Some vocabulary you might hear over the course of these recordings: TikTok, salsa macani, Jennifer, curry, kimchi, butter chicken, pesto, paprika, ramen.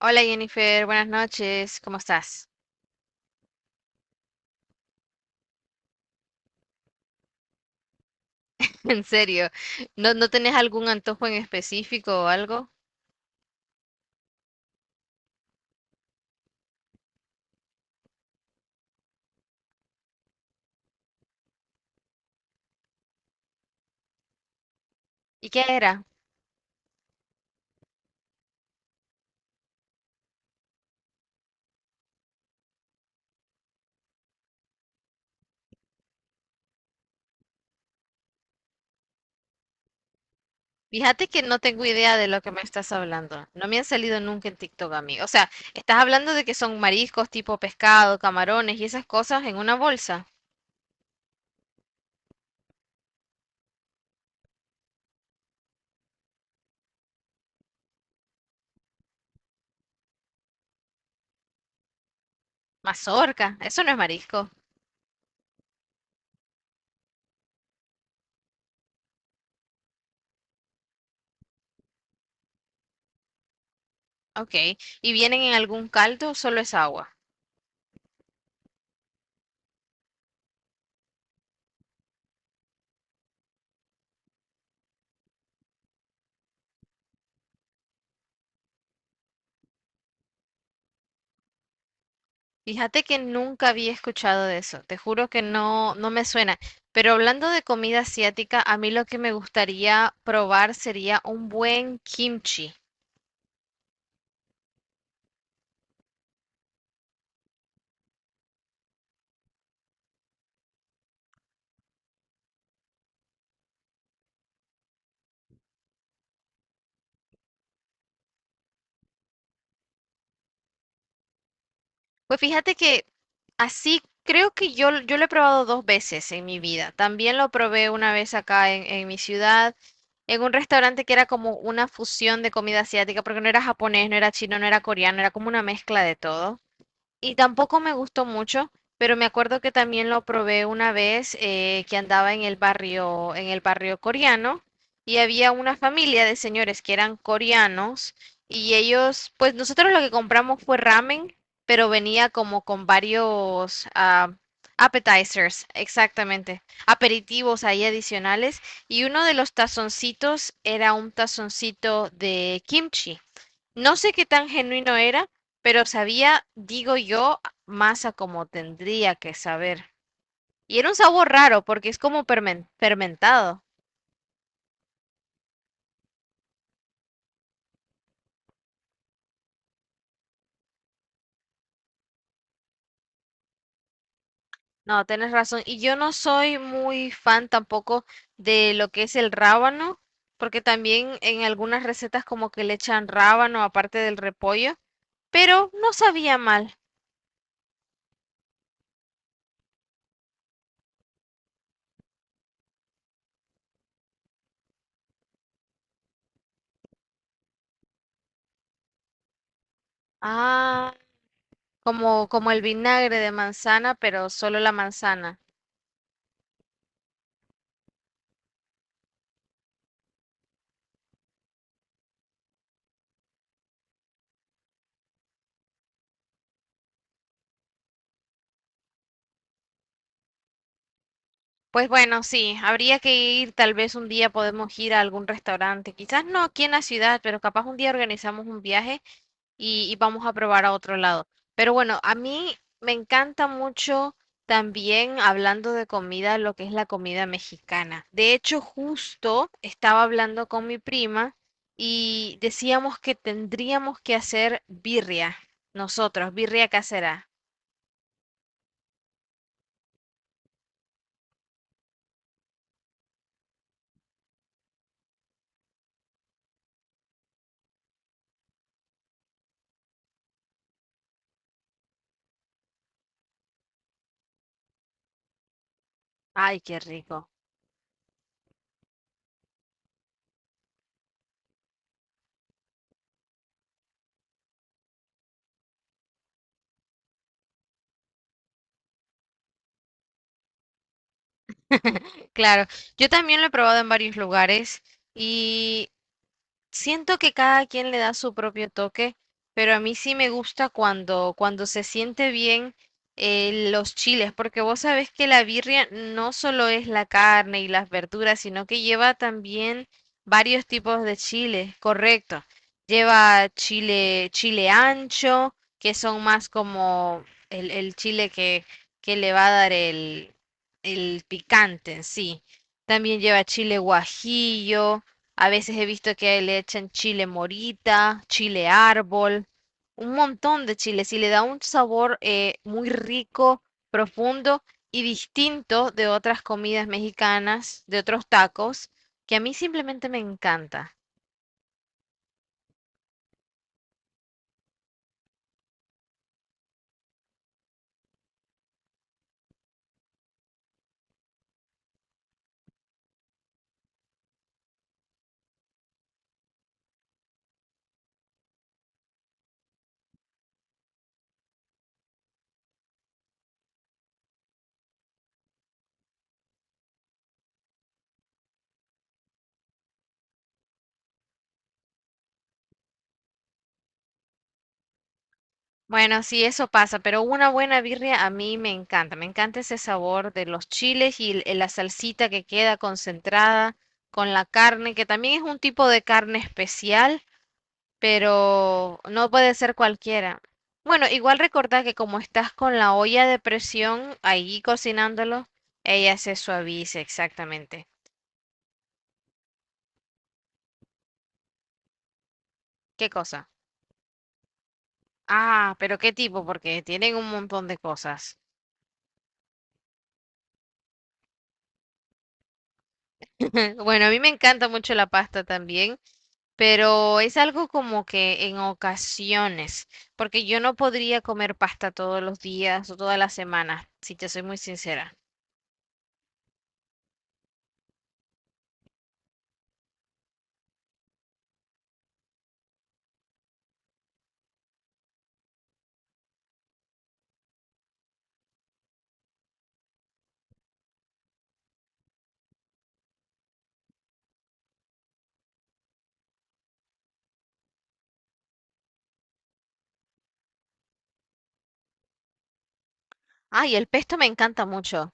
Hola Jennifer, buenas noches, ¿cómo estás? En serio, ¿No tenés algún antojo en específico o algo? ¿Y qué era? Fíjate que no tengo idea de lo que me estás hablando. No me han salido nunca en TikTok a mí. O sea, estás hablando de que son mariscos tipo pescado, camarones y esas cosas en una bolsa. Mazorca, eso no es marisco. Ok. ¿Y vienen en algún caldo o solo es agua? Fíjate que nunca había escuchado de eso, te juro que no, no me suena. Pero hablando de comida asiática, a mí lo que me gustaría probar sería un buen kimchi. Pues fíjate que así creo que yo lo he probado 2 veces en mi vida. También lo probé una vez acá en mi ciudad, en un restaurante que era como una fusión de comida asiática, porque no era japonés, no era chino, no era coreano, era como una mezcla de todo. Y tampoco me gustó mucho, pero me acuerdo que también lo probé una vez que andaba en el barrio coreano, y había una familia de señores que eran coreanos, y ellos, pues nosotros lo que compramos fue ramen, pero venía como con varios appetizers, exactamente, aperitivos ahí adicionales, y uno de los tazoncitos era un tazoncito de kimchi. No sé qué tan genuino era, pero sabía, digo yo, más a como tendría que saber. Y era un sabor raro porque es como fermentado. No, tenés razón. Y yo no soy muy fan tampoco de lo que es el rábano, porque también en algunas recetas como que le echan rábano aparte del repollo, pero no sabía mal. Ah, como, como el vinagre de manzana, pero solo la manzana. Pues bueno, sí, habría que ir, tal vez un día podemos ir a algún restaurante, quizás no aquí en la ciudad, pero capaz un día organizamos un viaje y vamos a probar a otro lado. Pero bueno, a mí me encanta mucho también hablando de comida, lo que es la comida mexicana. De hecho, justo estaba hablando con mi prima y decíamos que tendríamos que hacer birria, nosotros, birria casera. Ay, qué rico. Claro, yo también lo he probado en varios lugares, y siento que cada quien le da su propio toque, pero a mí sí me gusta cuando, cuando se siente bien los chiles, porque vos sabés que la birria no solo es la carne y las verduras, sino que lleva también varios tipos de chiles, correcto. Lleva chile, chile ancho, que son más como el chile que le va a dar el picante en sí. También lleva chile guajillo. A veces he visto que le echan chile morita, chile árbol, un montón de chiles y le da un sabor muy rico, profundo y distinto de otras comidas mexicanas, de otros tacos, que a mí simplemente me encanta. Bueno, sí, eso pasa, pero una buena birria a mí me encanta. Me encanta ese sabor de los chiles y la salsita que queda concentrada con la carne, que también es un tipo de carne especial, pero no puede ser cualquiera. Bueno, igual recordá que como estás con la olla de presión ahí cocinándolo, ella se suaviza exactamente. ¿Qué cosa? Ah, pero qué tipo, porque tienen un montón de cosas. Bueno, a mí me encanta mucho la pasta también, pero es algo como que en ocasiones, porque yo no podría comer pasta todos los días o todas las semanas, si te soy muy sincera. Ay, el pesto me encanta mucho.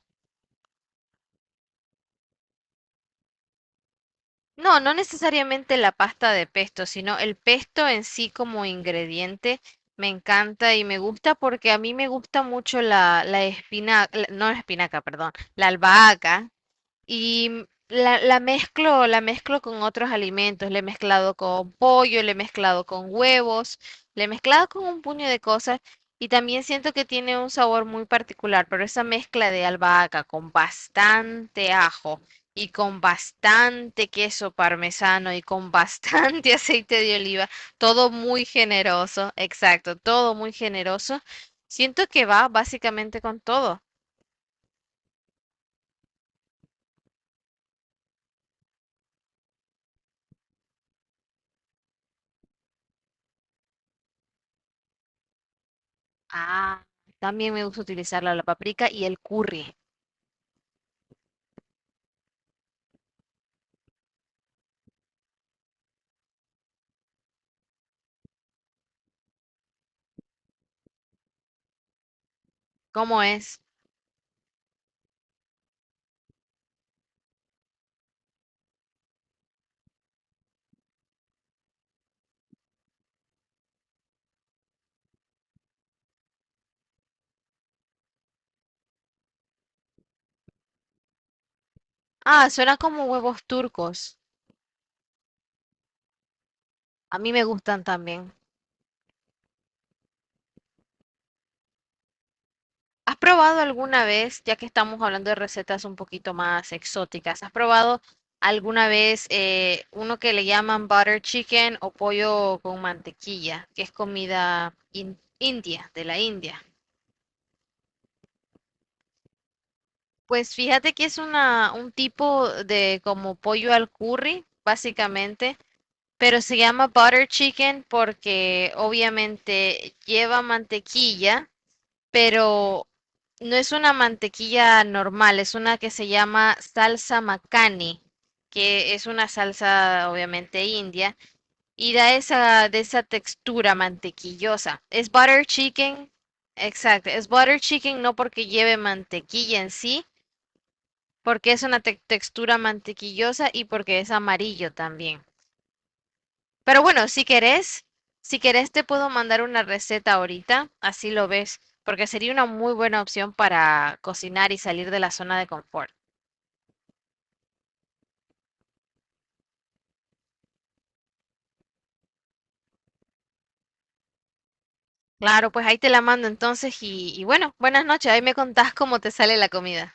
No, no necesariamente la pasta de pesto, sino el pesto en sí como ingrediente me encanta y me gusta porque a mí me gusta mucho la espinaca, no la espinaca, perdón, la albahaca. Y la mezclo con otros alimentos. Le he mezclado con pollo, le he mezclado con huevos, le he mezclado con un puño de cosas. Y también siento que tiene un sabor muy particular, pero esa mezcla de albahaca con bastante ajo y con bastante queso parmesano y con bastante aceite de oliva, todo muy generoso, exacto, todo muy generoso. Siento que va básicamente con todo. Ah, también me gusta utilizarla la paprika y el curry. ¿Cómo es? Ah, suena como huevos turcos. A mí me gustan también. ¿Has probado alguna vez, ya que estamos hablando de recetas un poquito más exóticas, has probado alguna vez uno que le llaman butter chicken o pollo con mantequilla, que es comida india, de la India? Pues fíjate que es una, un tipo de como pollo al curry, básicamente. Pero se llama butter chicken porque obviamente lleva mantequilla, pero no es una mantequilla normal, es una que se llama salsa macani, que es una salsa obviamente india y da esa de esa textura mantequillosa. Es butter chicken, exacto, es butter chicken no porque lleve mantequilla en sí, porque es una textura mantequillosa y porque es amarillo también. Pero bueno, si querés, si querés te puedo mandar una receta ahorita, así lo ves, porque sería una muy buena opción para cocinar y salir de la zona de confort. Claro, pues ahí te la mando entonces y bueno, buenas noches, ahí me contás cómo te sale la comida.